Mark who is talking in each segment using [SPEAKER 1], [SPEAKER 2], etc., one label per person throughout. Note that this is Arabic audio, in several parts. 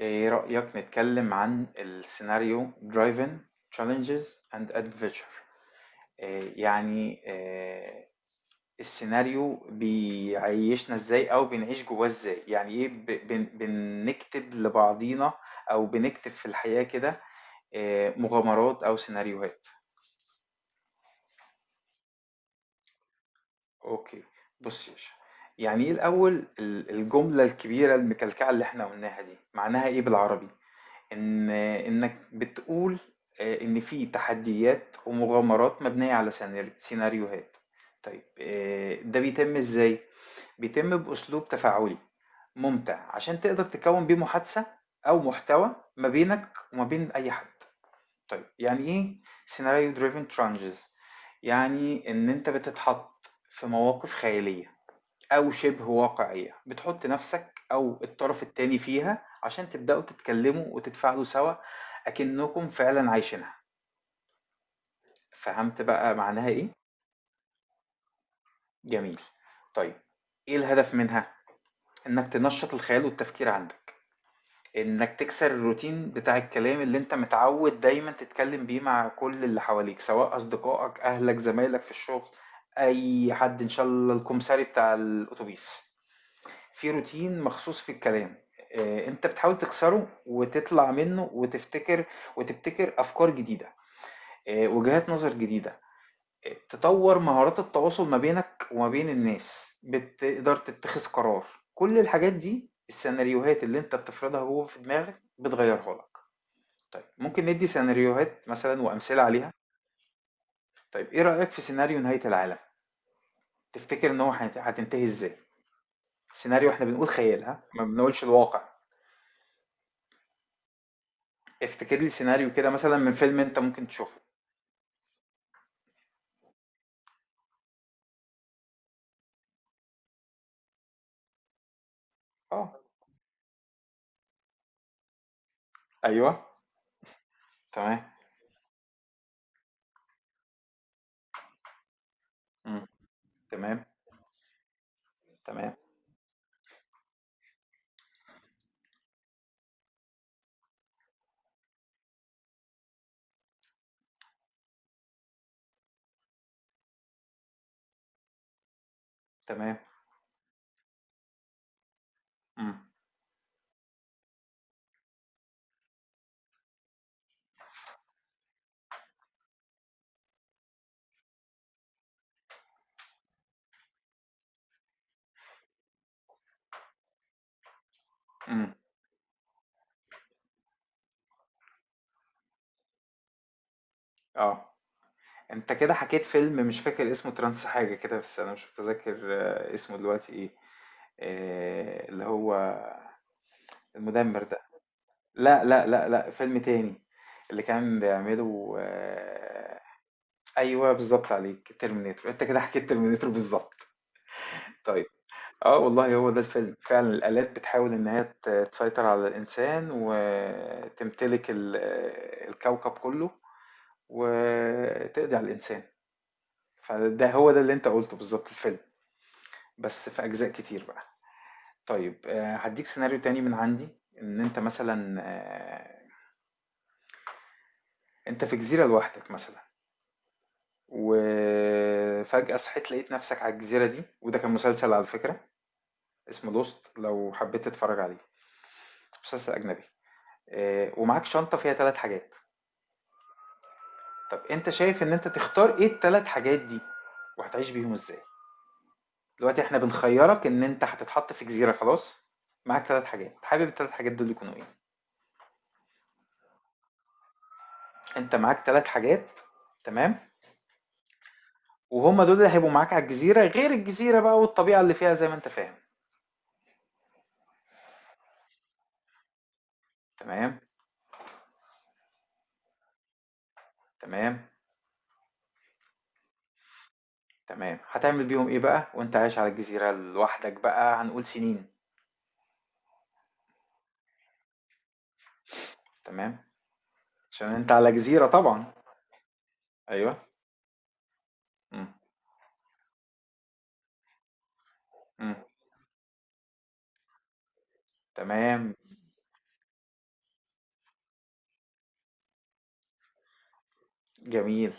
[SPEAKER 1] ايه رأيك نتكلم عن السيناريو driven challenges and adventure؟ إيه يعني إيه السيناريو بيعيشنا ازاي او بنعيش جواه ازاي؟ يعني ايه، بنكتب لبعضينا او بنكتب في الحياة كده؟ إيه مغامرات او سيناريوهات؟ اوكي، بص يا باشا، يعني ايه الاول؟ الجملة الكبيرة المكلكعة اللي احنا قلناها دي معناها ايه بالعربي؟ انك بتقول ان في تحديات ومغامرات مبنية على سيناريوهات. طيب ده بيتم ازاي؟ بيتم باسلوب تفاعلي ممتع عشان تقدر تكون بيه محادثة او محتوى ما بينك وما بين اي حد. طيب يعني ايه سيناريو دريفن ترانجز؟ يعني ان انت بتتحط في مواقف خيالية أو شبه واقعية، بتحط نفسك أو الطرف التاني فيها عشان تبدأوا تتكلموا وتتفاعلوا سوا، أكنكم فعلا عايشينها. فهمت بقى معناها إيه؟ جميل. طيب إيه الهدف منها؟ إنك تنشط الخيال والتفكير عندك، إنك تكسر الروتين بتاع الكلام اللي أنت متعود دايما تتكلم بيه مع كل اللي حواليك، سواء أصدقائك، أهلك، زمايلك في الشغل، أي حد، إن شاء الله الكمساري بتاع الأتوبيس، في روتين مخصوص في الكلام. انت بتحاول تكسره وتطلع منه وتفتكر وتبتكر افكار جديده، وجهات نظر جديده، تطور مهارات التواصل ما بينك وما بين الناس، بتقدر تتخذ قرار. كل الحاجات دي السيناريوهات اللي انت بتفرضها جوه في دماغك بتغيرها لك. طيب ممكن ندي سيناريوهات مثلا وامثله عليها؟ طيب ايه رايك في سيناريو نهايه العالم؟ تفتكر ان هو هتنتهي ازاي؟ سيناريو، احنا بنقول خيال، ها، ما بنقولش الواقع. افتكر لي سيناريو كده مثلا من فيلم انت ممكن تشوفه. اه. ايوه. تمام. مم. تمام. تمام. تمام. مم. مم. اه. انت كده حكيت فيلم مش فاكر اسمه، ترانس حاجة كده، بس انا مش متذكر اسمه دلوقتي ايه، اللي هو المدمر ده. لا لا لا لا، فيلم تاني اللي كان بيعمله. ايوه بالظبط عليك، ترمينيتور. انت كده حكيت ترمينيتور بالظبط. طيب، اه والله هو ده الفيلم فعلا، الآلات بتحاول إن هي تسيطر على الإنسان وتمتلك الكوكب كله وتقضي على الإنسان. فده هو ده اللي أنت قلته بالظبط، الفيلم، بس في أجزاء كتير بقى. طيب هديك سيناريو تاني من عندي. إن أنت مثلا أنت في جزيرة لوحدك مثلا، وفجأة صحيت لقيت نفسك على الجزيرة دي. وده كان مسلسل على فكرة اسمه لوست، لو حبيت تتفرج عليه، مسلسل أجنبي. ومعاك شنطة فيها ثلاث حاجات. طب انت شايف ان انت تختار ايه التلات حاجات دي وهتعيش بيهم ازاي؟ دلوقتي احنا بنخيرك ان انت هتتحط في جزيرة، خلاص، معاك تلات حاجات، حابب التلات حاجات دول يكونوا ايه؟ انت معاك تلات حاجات، تمام، وهما دول اللي هيبقوا معاك على الجزيرة، غير الجزيرة بقى والطبيعة اللي فيها زي ما انت فاهم. تمام. تمام. تمام. هتعمل بيهم ايه بقى وانت عايش على الجزيرة لوحدك بقى، هنقول سنين؟ تمام. عشان انت على جزيرة طبعا. ايوه. مم. مم. تمام. جميل،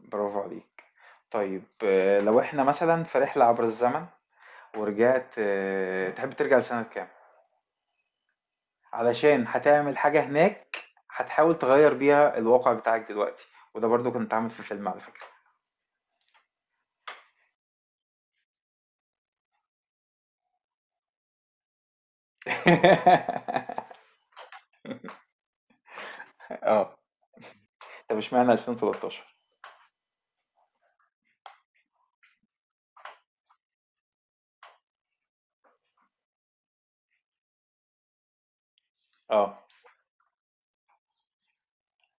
[SPEAKER 1] برافو عليك. طيب لو إحنا مثلًا في رحلة عبر الزمن ورجعت، تحب ترجع لسنة كام؟ علشان هتعمل حاجة هناك، هتحاول تغيّر بيها الواقع بتاعك دلوقتي، وده برضه كان اتعمل في فيلم على فكرة. آه، طب اشمعنى 2013؟ آه،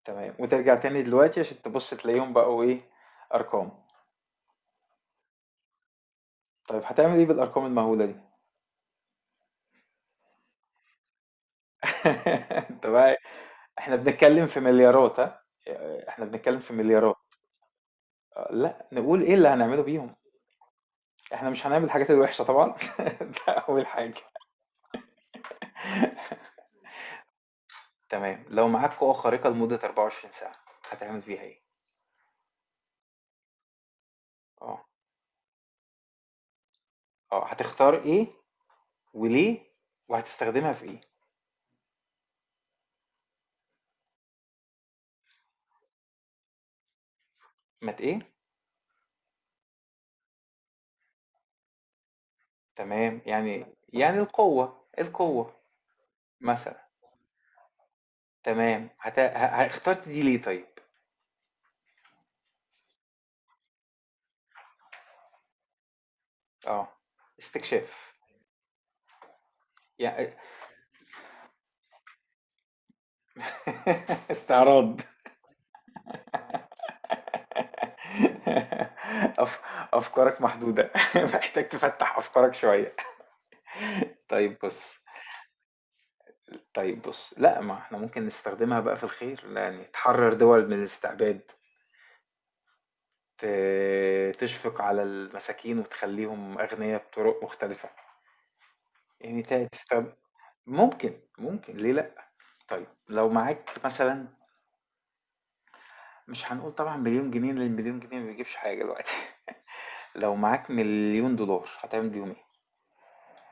[SPEAKER 1] تمام، وترجع تاني دلوقتي عشان تبُص تلاقيهم بقوا إيه، أرقام. طيب هتعمل إيه بالأرقام المهولة دي؟ أنت بقى، إحنا بنتكلم في مليارات، ها، إحنا بنتكلم في مليارات. لأ، نقول إيه اللي هنعمله بيهم، إحنا مش هنعمل الحاجات الوحشة طبعًا، ده أول حاجة. تمام، لو معاك قوة خارقة لمدة 24 ساعة، هتعمل بيها إيه؟ آه، هتختار إيه وليه وهتستخدمها في إيه؟ مت إيه؟ تمام، يعني القوة مثلًا. تمام، هت ه ه اخترت دي ليه طيب؟ آه، استكشاف. يع استعراض. أف، أفكارك محدودة، محتاج تفتّح أفكارك شوية. طيب بُص طيب بُص، لأ ما إحنا ممكن نستخدمها بقى في الخير، يعني تحرر دول من الاستعباد، ت تشفق على المساكين وتخلّيهم أغنيا بطرق مختلفة، يعني ت تستخد ممكن، ممكن ليه لأ؟ طيب لو معاك مثلًا، مش هنقول طبعًا 1,000,000 جنيه، لإن مليون جنيه ما بيجيبش حاجة دلوقتي، لو معاك $1,000,000 هتعمل بيهم إيه؟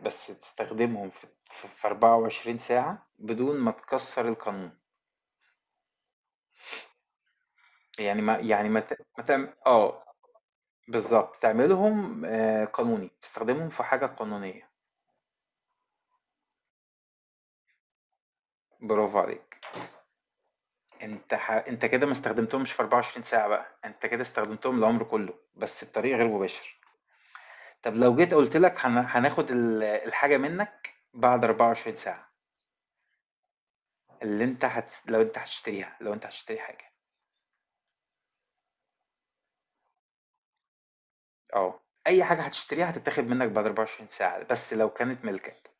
[SPEAKER 1] بس تستخدمهم في 24 ساعة بدون ما تكسّر القانون. يعني ما يعني ما ت ما تعم آه. بالضبط، تعملهم قانوني، تستخدمهم في حاجة قانونية، برافو عليك. أنت كده ما استخدمتهمش في 24 ساعة بقى، أنت كده استخدمتهم العمر كله، بس بطريق غير مباشر. طب لو جيت قُلت لك، هناخد الحاجة منك بعد 24 ساعة، اللي أنت هتس لو أنت هتشتريها، لو أنت هتشتري حاجة، آه، أي حاجة هتشتريها هتتاخد منك بعد 24 ساعة، بس لو كانت ملكك.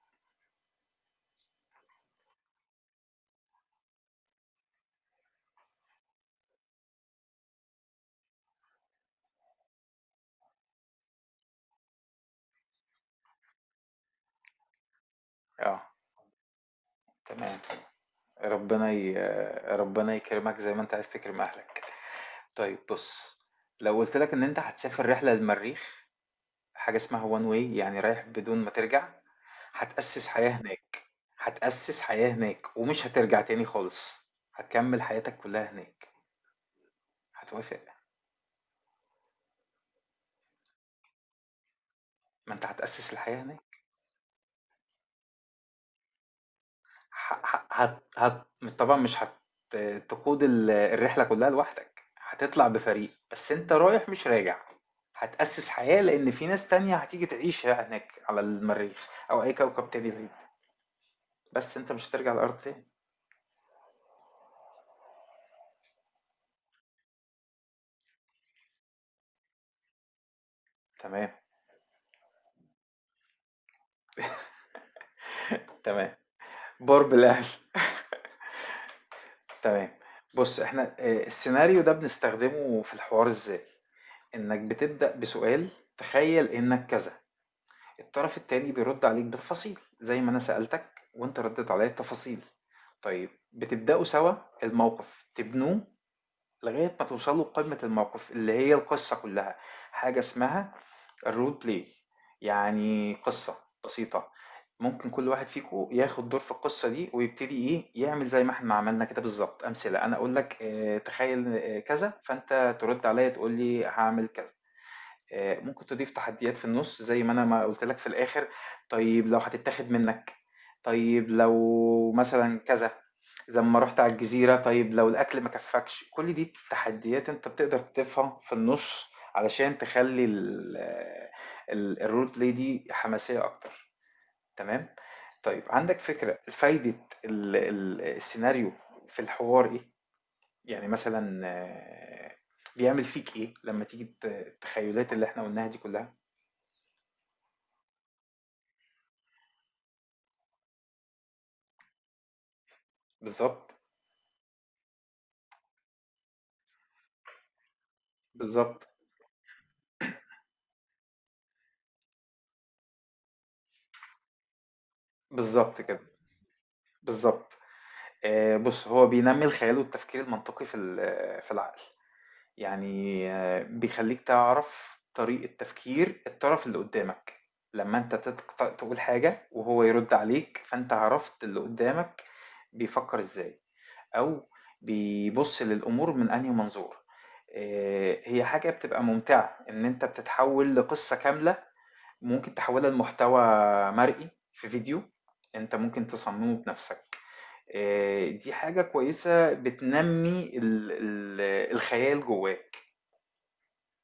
[SPEAKER 1] آه، تمام. ربنا ي ربنا يكرمك زي ما أنت عايز تكرم أهلك. طيب بُص، لو قُلت لك إن أنت هتسافر رحلة للمريخ، حاجة اسمها one way، يعني رايح بدون ما ترجع، هتأسّس حياة هناك، هتأسّس حياة هناك ومش هترجع تاني خالص، هتكمّل حياتك كلّها هناك، هتوافق؟ ما أنت هتأسّس الحياة هناك. ح ح هت هت طبعًا مش تقود الرحلة كلّها لوحدك، هتطلع بفريق، بس أنت رايح مش راجع، هتأسّس حياة لإن في ناس تانية هتيجي تعيش هناك على المريخ أو أي كوكب تاني بعيد. بس أنت مش هترجع الأرض تاني. تمام. تمام. بار بالأهل. تمام. بُص، إحنا السيناريو ده بنستخدمه في الحوار إزاي؟ إنّك بتبدأ بسؤال، تخيّل إنّك كذا، الطرف التاني بيرُد عليك بالتفاصيل، زي ما أنا سألتك وأنت ردّيت عليّا بتفاصيل. طيب بتبدأوا سوا الموقف، تبنوه لغاية ما توصلوا لقمة الموقف اللي هي القصة كلها. حاجة اسمها الرول بلاي، يعني قصة بسيطة، ممكن كل واحد فيكم ياخد دور في القصة دي ويبتدي ايه يعمل، زي ما احنا عملنا كده بالظبط أمثلة. أنا أقول لك تخيل كذا، فأنت ترد عليا تقول لي هعمل كذا. ممكن تضيف تحديات في النص، زي ما انا ما قلت لك في الاخر، طيب لو هتتاخد منك، طيب لو مثلا كذا، زي ما رحت على الجزيرة، طيب لو الاكل ما كفكش، كل دي تحديات انت بتقدر تضيفها في النص علشان تخلي الرول بلاي دي حماسية اكتر. تمام. طيب عندك فكرة فايدة السيناريو في الحوار ايه؟ يعني مثلا بيعمل فيك ايه لما تيجي التخيلات اللي احنا قلناها دي كلها؟ بالضبط. بالضبط. بالضبط كده. بالضبط. بُص، هو بينمّي الخيال والتفكير المنطقي في في العقل، يعني بيخلّيك تعرف طريقة تفكير الطرف اللي قدّامك، لمّا أنت تقول حاجة وهو يرُد عليك، فأنت عرفت اللي قدّامك بيفكّر إزاي أو بيبُص للأمور من أنهي منظور. هي حاجة بتبقى ممتعة إن أنت بتتحوّل لقصة كاملة، ممكن تحولها لمحتوى مرئي في فيديو انت ممكن تصممه بنفسك. دي حاجة كويسة بتنمي الخيال جواه